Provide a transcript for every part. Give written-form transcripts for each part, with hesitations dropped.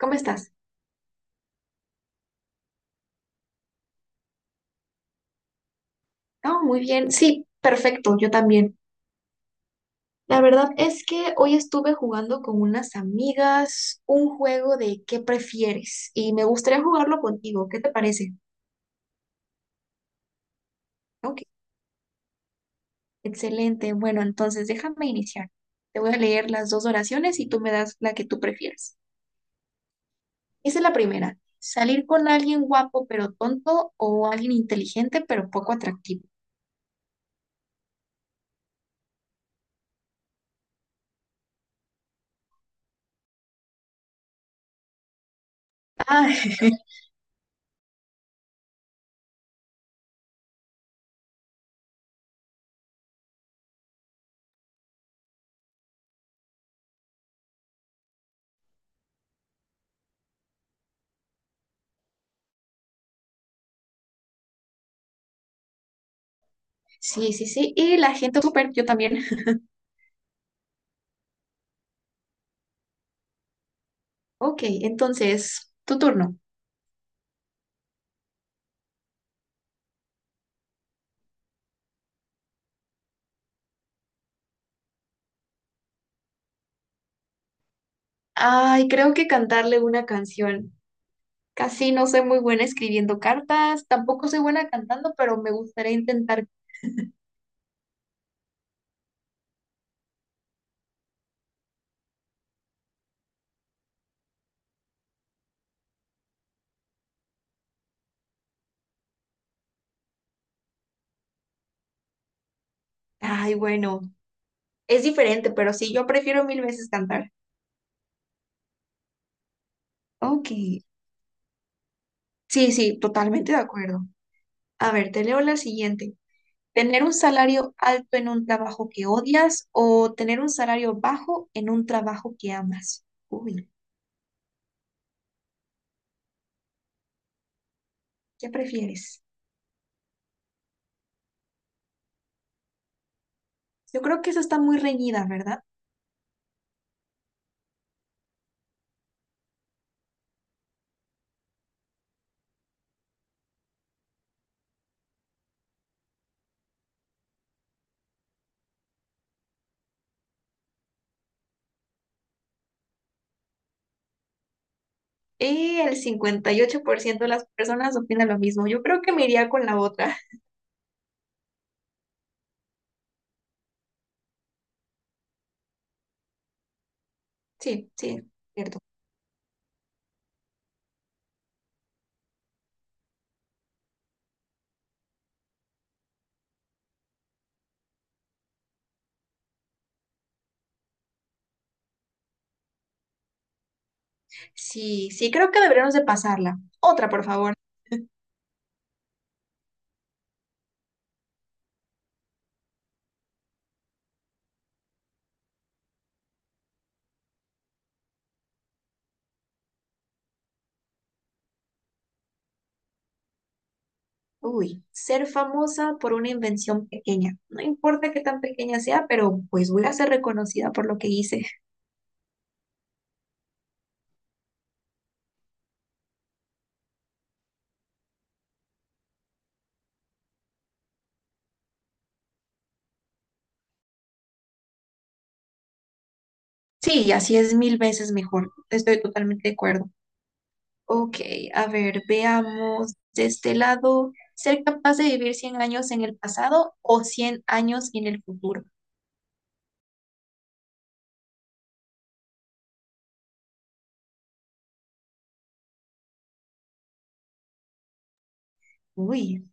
¿Cómo estás? Oh, muy bien. Sí, perfecto, yo también. La verdad es que hoy estuve jugando con unas amigas un juego de ¿qué prefieres? Y me gustaría jugarlo contigo. ¿Qué te parece? Ok, excelente. Bueno, entonces déjame iniciar. Te voy a leer las dos oraciones y tú me das la que tú prefieras. Dice la primera, salir con alguien guapo pero tonto o alguien inteligente pero poco atractivo. Ah, sí, sí, sí. Y la gente súper, yo también. Ok, entonces, tu turno. Ay, creo que cantarle una canción. Casi no soy muy buena escribiendo cartas, tampoco soy buena cantando, pero me gustaría intentar. Ay, bueno, es diferente, pero sí, yo prefiero mil veces cantar. Ok. Sí, sí, totalmente de acuerdo. A ver, te leo la siguiente. ¿Tener un salario alto en un trabajo que odias o tener un salario bajo en un trabajo que amas? Uy, ¿qué prefieres? Yo creo que eso está muy reñida, ¿verdad? Y el 58% de las personas opinan lo mismo. Yo creo que me iría con la otra. Sí, sí, cierto. Sí, sí, creo que deberíamos de pasarla. Otra, por favor. Uy, ser famosa por una invención pequeña. No importa qué tan pequeña sea, pero pues voy a ser reconocida por lo que hice. Sí, así es mil veces mejor. Estoy totalmente de acuerdo. Ok, a ver, veamos de este lado. ¿Ser capaz de vivir 100 años en el pasado o 100 años en el futuro? Uy,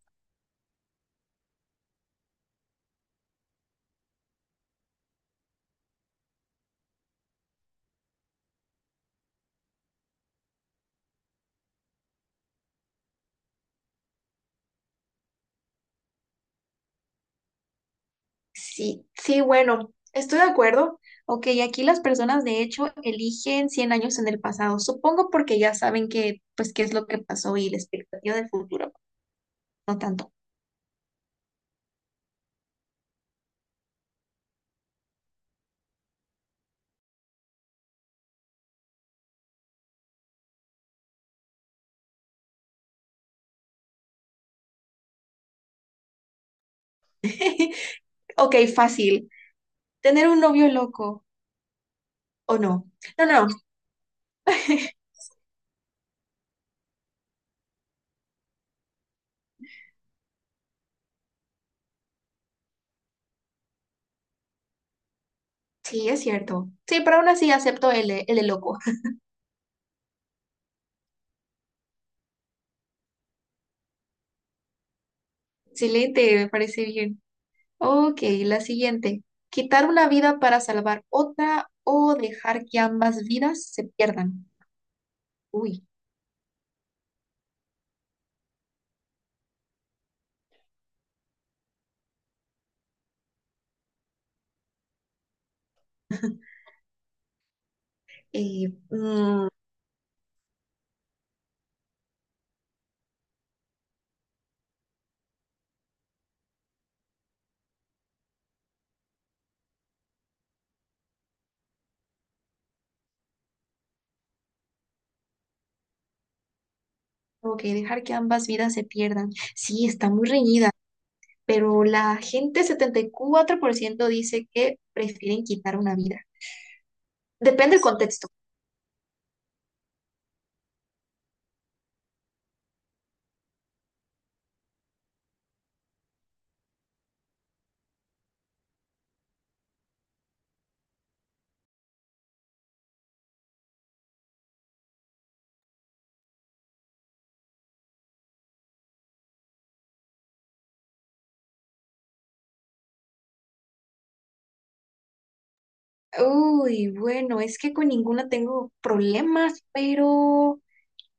Sí, sí, bueno, estoy de acuerdo. Ok, aquí las personas de hecho eligen 100 años en el pasado, supongo porque ya saben que, pues, qué es lo que pasó y la expectativa del futuro, no tanto. Ok, fácil. ¿Tener un novio loco o no? No, no, sí, es cierto. Sí, pero aún así acepto el de loco. Excelente, me parece bien. Ok, la siguiente. ¿Quitar una vida para salvar otra o dejar que ambas vidas se pierdan? Uy, eh, mm, Ok, dejar que ambas vidas se pierdan. Sí, está muy reñida, pero la gente 74% dice que prefieren quitar una vida. Depende del contexto. Uy, bueno, es que con ninguna tengo problemas, pero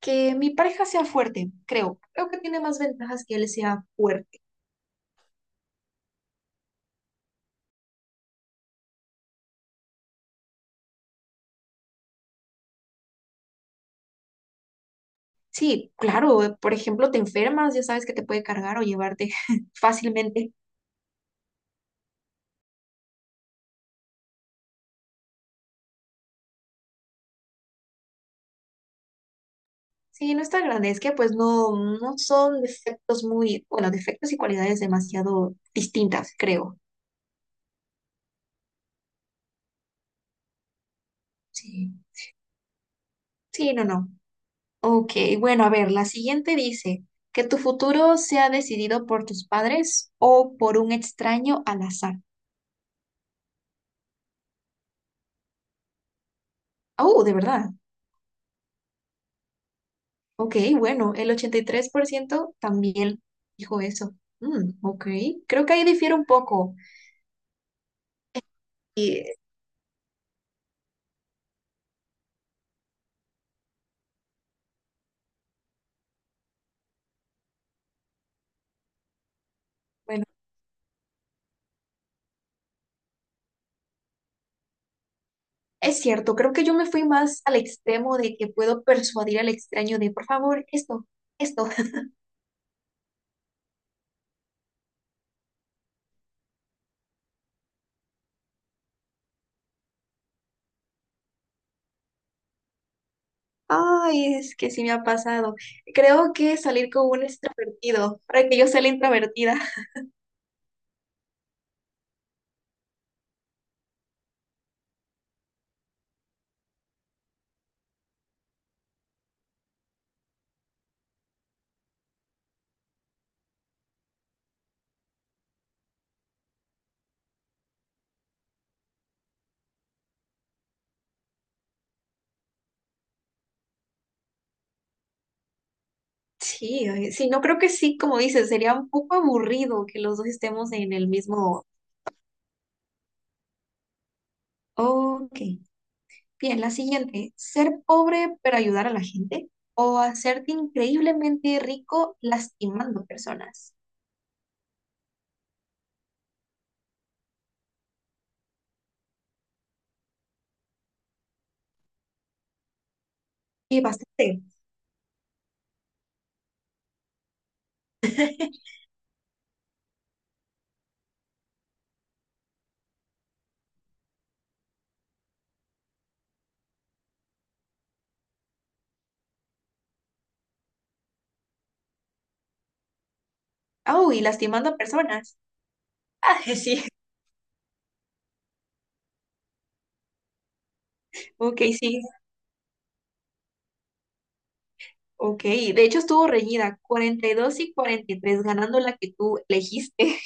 que mi pareja sea fuerte, creo. Creo que tiene más ventajas que él sea fuerte. Sí, claro, por ejemplo, te enfermas, ya sabes que te puede cargar o llevarte fácilmente. Sí, no es tan grande, es que pues no, no son defectos muy, bueno, defectos y cualidades demasiado distintas, creo. Sí, sí, no, no. Ok, bueno, a ver, la siguiente dice, que tu futuro sea decidido por tus padres o por un extraño al azar. Oh, de verdad. Ok, bueno, el 83% también dijo eso. Mm, ok, creo que ahí difiere un poco. Es cierto, creo que yo me fui más al extremo de que puedo persuadir al extraño de, por favor, esto, esto. Ay, es que sí me ha pasado. Creo que salir con un extrovertido, para que yo sea la introvertida. Sí, ay, sí, no creo que sí, como dices, sería un poco aburrido que los dos estemos en el mismo. Ok, bien, la siguiente, ser pobre pero ayudar a la gente o hacerte increíblemente rico lastimando personas. Y bastante. Oh, y lastimando a personas. Ah, sí, ok, sí, ok. De hecho estuvo reñida, 42 y dos y 43 ganando la que tú elegiste.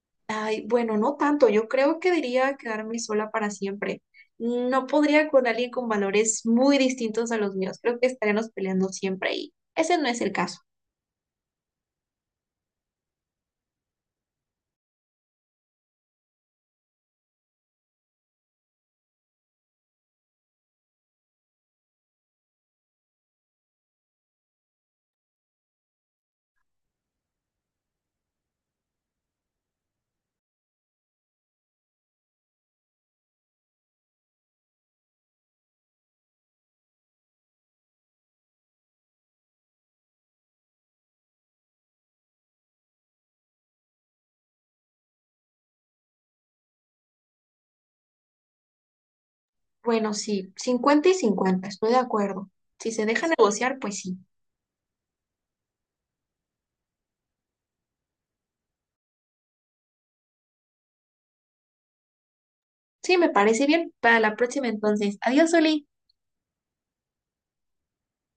Ay, bueno, no tanto, yo creo que diría quedarme sola para siempre. No podría con alguien con valores muy distintos a los míos, creo que estaremos peleando siempre y ese no es el caso. Bueno, sí, 50-50, estoy de acuerdo. Si se deja negociar, pues sí. Sí, me parece bien. Para la próxima entonces. Adiós, Oli.